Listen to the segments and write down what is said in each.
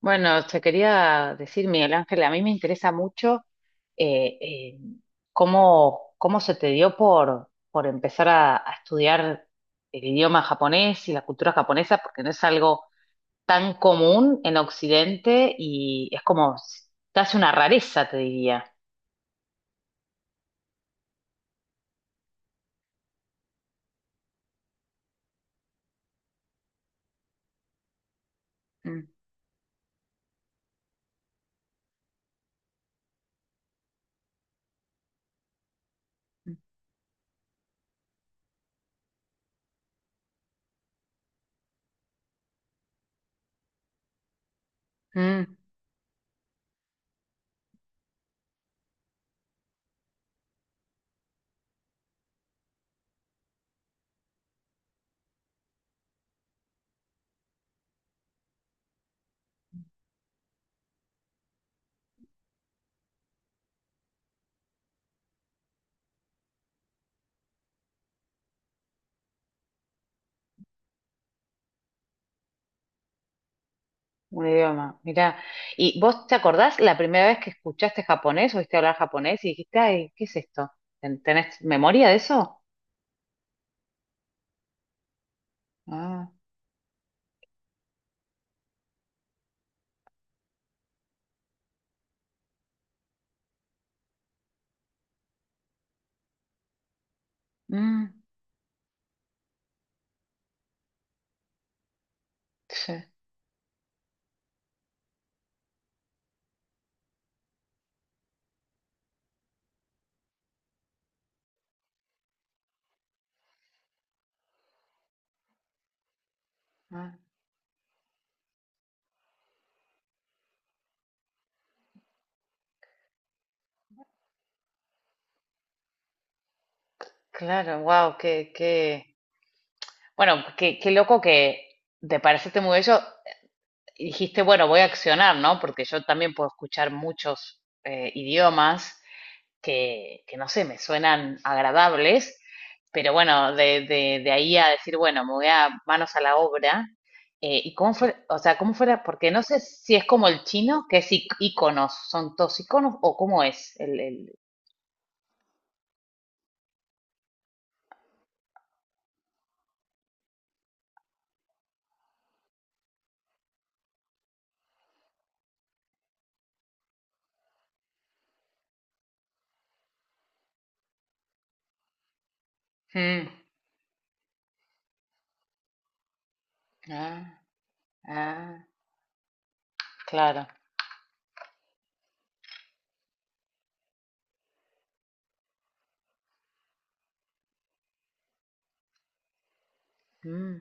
Bueno, te quería decir, Miguel Ángel, a mí me interesa mucho eh, eh, cómo, cómo se te dio por empezar a estudiar el idioma japonés y la cultura japonesa, porque no es algo tan común en Occidente y es como casi una rareza, te diría. Mm, mm, mm, un idioma, mirá. ¿Y vos te acordás la primera vez que escuchaste japonés, oíste hablar japonés y dijiste, ay, qué es esto? ¿Tenés memoria de eso? Mm, sí. Ah, claro, wow, bueno, qué loco que te pareciste muy bello. Dijiste, bueno, voy a accionar, ¿no? Porque yo también puedo escuchar muchos idiomas no sé, me suenan agradables, pero bueno, de ahí a decir, bueno, me voy a manos a la obra. ¿Y cómo fue, o sea, cómo fuera? Porque no sé si es como el chino, que es iconos, son todos iconos, o cómo es el... Mm, ah, ah. Claro. Mm,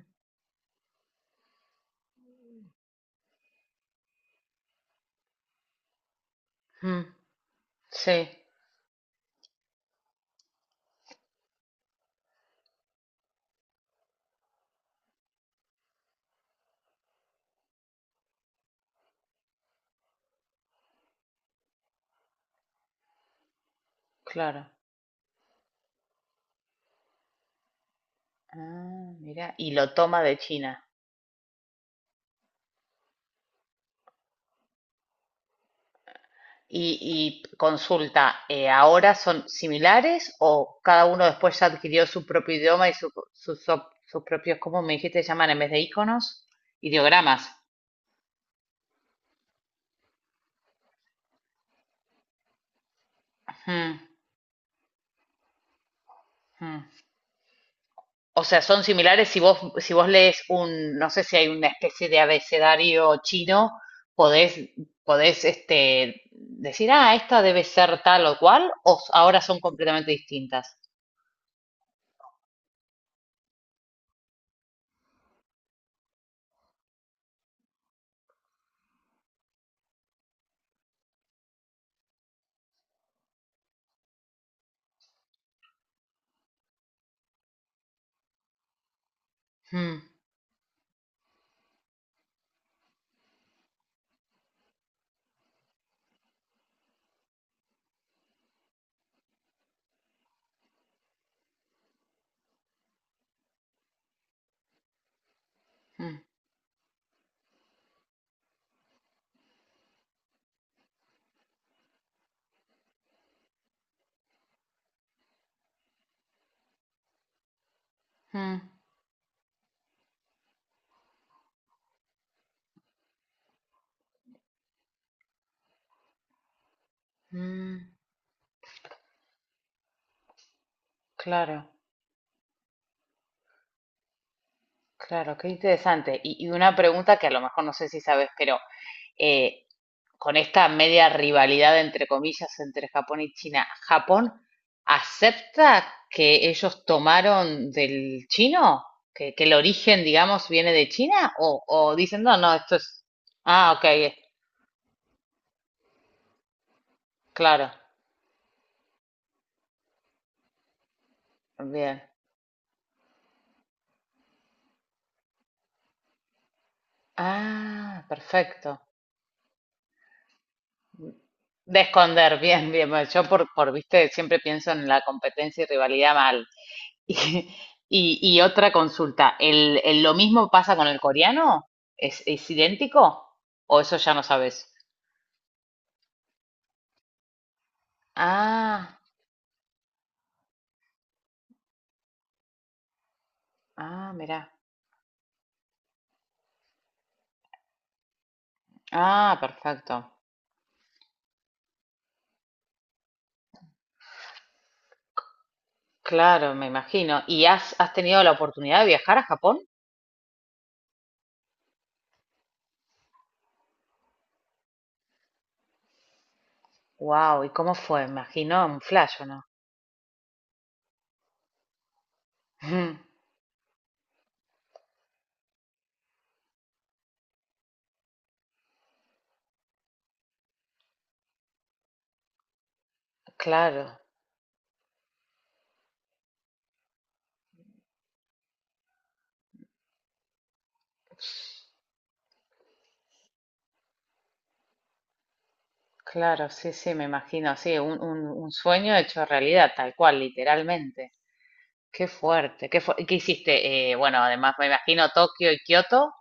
mm. Sí, claro. Ah, mira, y lo toma de China. Y consulta, ¿ahora son similares o cada uno después ya adquirió su propio idioma y sus sus propios, cómo me dijiste, llaman en vez de iconos? Ideogramas. Mm, mm. O sea, son similares si vos, si vos lees un, no sé si hay una especie de abecedario chino, podés, podés este, decir, ah, esta debe ser tal o cual, ahora son completamente distintas. Mm, mm, mm, mm. Claro, claro, qué interesante. Y una pregunta que a lo mejor no sé si sabes, pero eh, con esta media rivalidad, entre comillas, entre Japón y China, ¿Japón acepta que ellos tomaron del chino? Que el origen, digamos, viene de China? O dicen, no, no, esto es... Ah, ok, claro, bien. Ah, perfecto. De esconder, bien, bien. Bueno, yo por, viste, siempre pienso en la competencia y rivalidad mal. Y otra consulta, ¿el, lo mismo pasa con el coreano? Es idéntico? ¿O eso ya no sabes? Ah, ah, mirá. Ah, perfecto. Claro, me imagino. ¿Y has, has tenido la oportunidad de viajar a Japón? Wow, ¿y cómo fue? Me imagino un flash, ¿o no? Ujú. Claro, claro, sí, sí, me imagino, sí, un sueño hecho realidad, tal cual, literalmente. Qué fuerte, ¿y qué hiciste? Bueno, además me imagino Tokio y Kioto.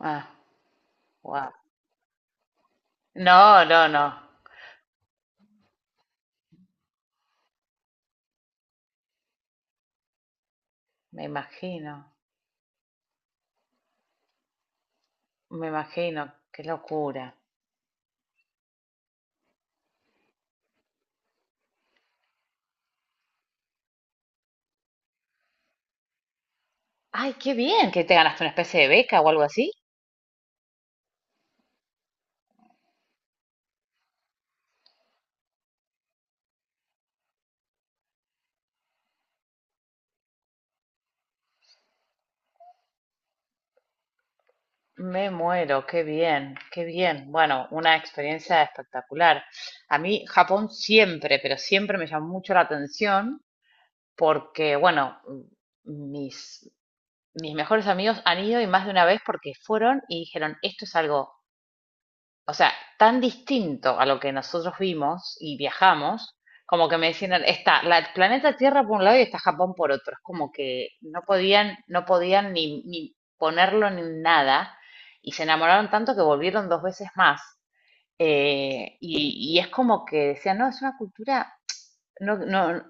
Ah, wow. No, no, no. Me imagino, me imagino. Qué locura. Ay, qué bien que te ganaste una especie de beca o algo así. Me muero, qué bien, qué bien. Bueno, una experiencia espectacular. A mí Japón siempre, pero siempre me llamó mucho la atención porque, bueno, mis, mis mejores amigos han ido y más de una vez porque fueron y dijeron, esto es algo o sea, tan distinto a lo que nosotros vimos y viajamos, como que me decían, está la, el planeta Tierra por un lado y está Japón por otro. Es como que no podían, no podían ni, ni ponerlo ni nada. Y se enamoraron tanto que volvieron dos veces más. Y es como que decían, no, es una cultura no, no,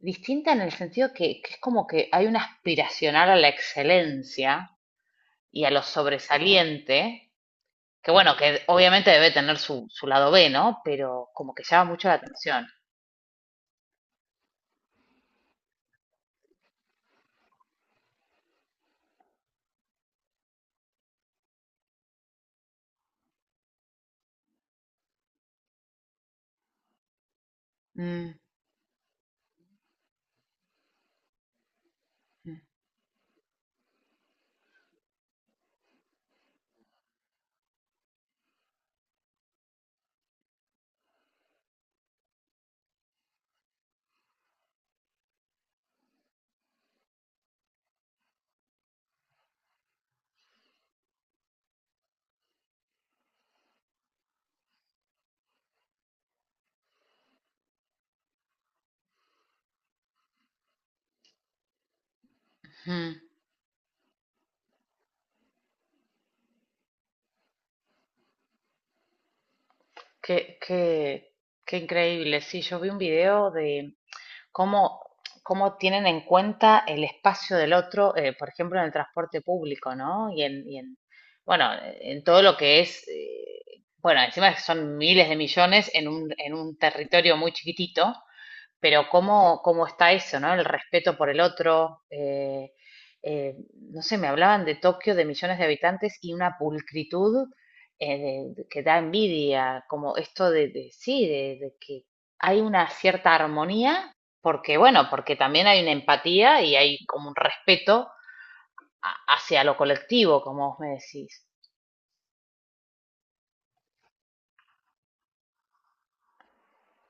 distinta en el sentido que es como que hay una aspiracional a la excelencia y a lo sobresaliente, que bueno, que obviamente debe tener su, su lado B, ¿no? Pero como que llama mucho la atención. Mm, mm, mm. Qué, qué, qué increíble. Sí, yo vi un video de cómo, cómo tienen en cuenta el espacio del otro, por ejemplo, en el transporte público, ¿no? Y en bueno, en todo lo que es, bueno, encima son miles de millones en un territorio muy chiquitito, pero cómo, cómo está eso, ¿no? El respeto por el otro. No sé, me hablaban de Tokio, de millones de habitantes y una pulcritud eh, que da envidia, como esto de, sí, de que hay una cierta armonía, porque bueno, porque también hay una empatía y hay como un respeto hacia lo colectivo, como vos me decís.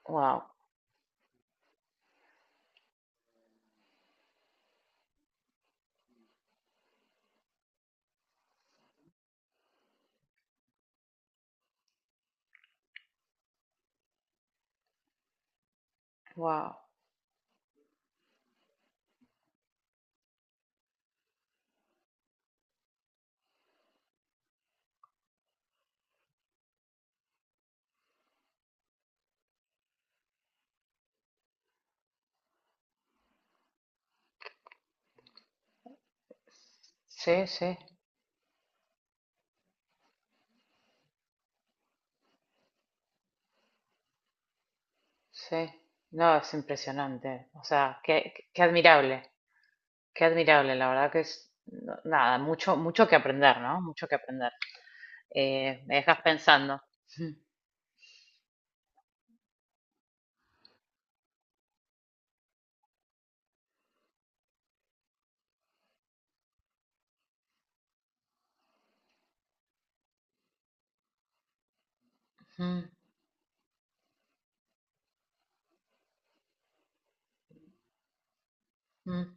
Wow, wow. Sí, sí, sí. No, es impresionante. O sea, qué, qué qué admirable. Qué admirable, la verdad que es, nada, mucho, mucho que aprender, ¿no? Mucho que aprender. Me dejas pensando. Mm, mm, mm.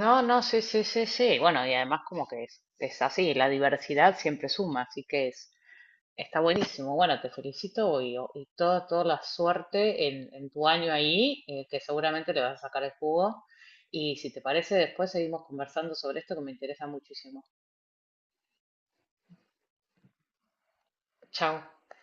No, no, sí, sí, sí, sí. Bueno, y además como que es así, la diversidad siempre suma, así que es, está buenísimo. Bueno, te felicito y y toda, toda la suerte en tu año ahí, que seguramente le vas a sacar el jugo. Y si te parece, después seguimos conversando sobre esto que me interesa muchísimo. Chao.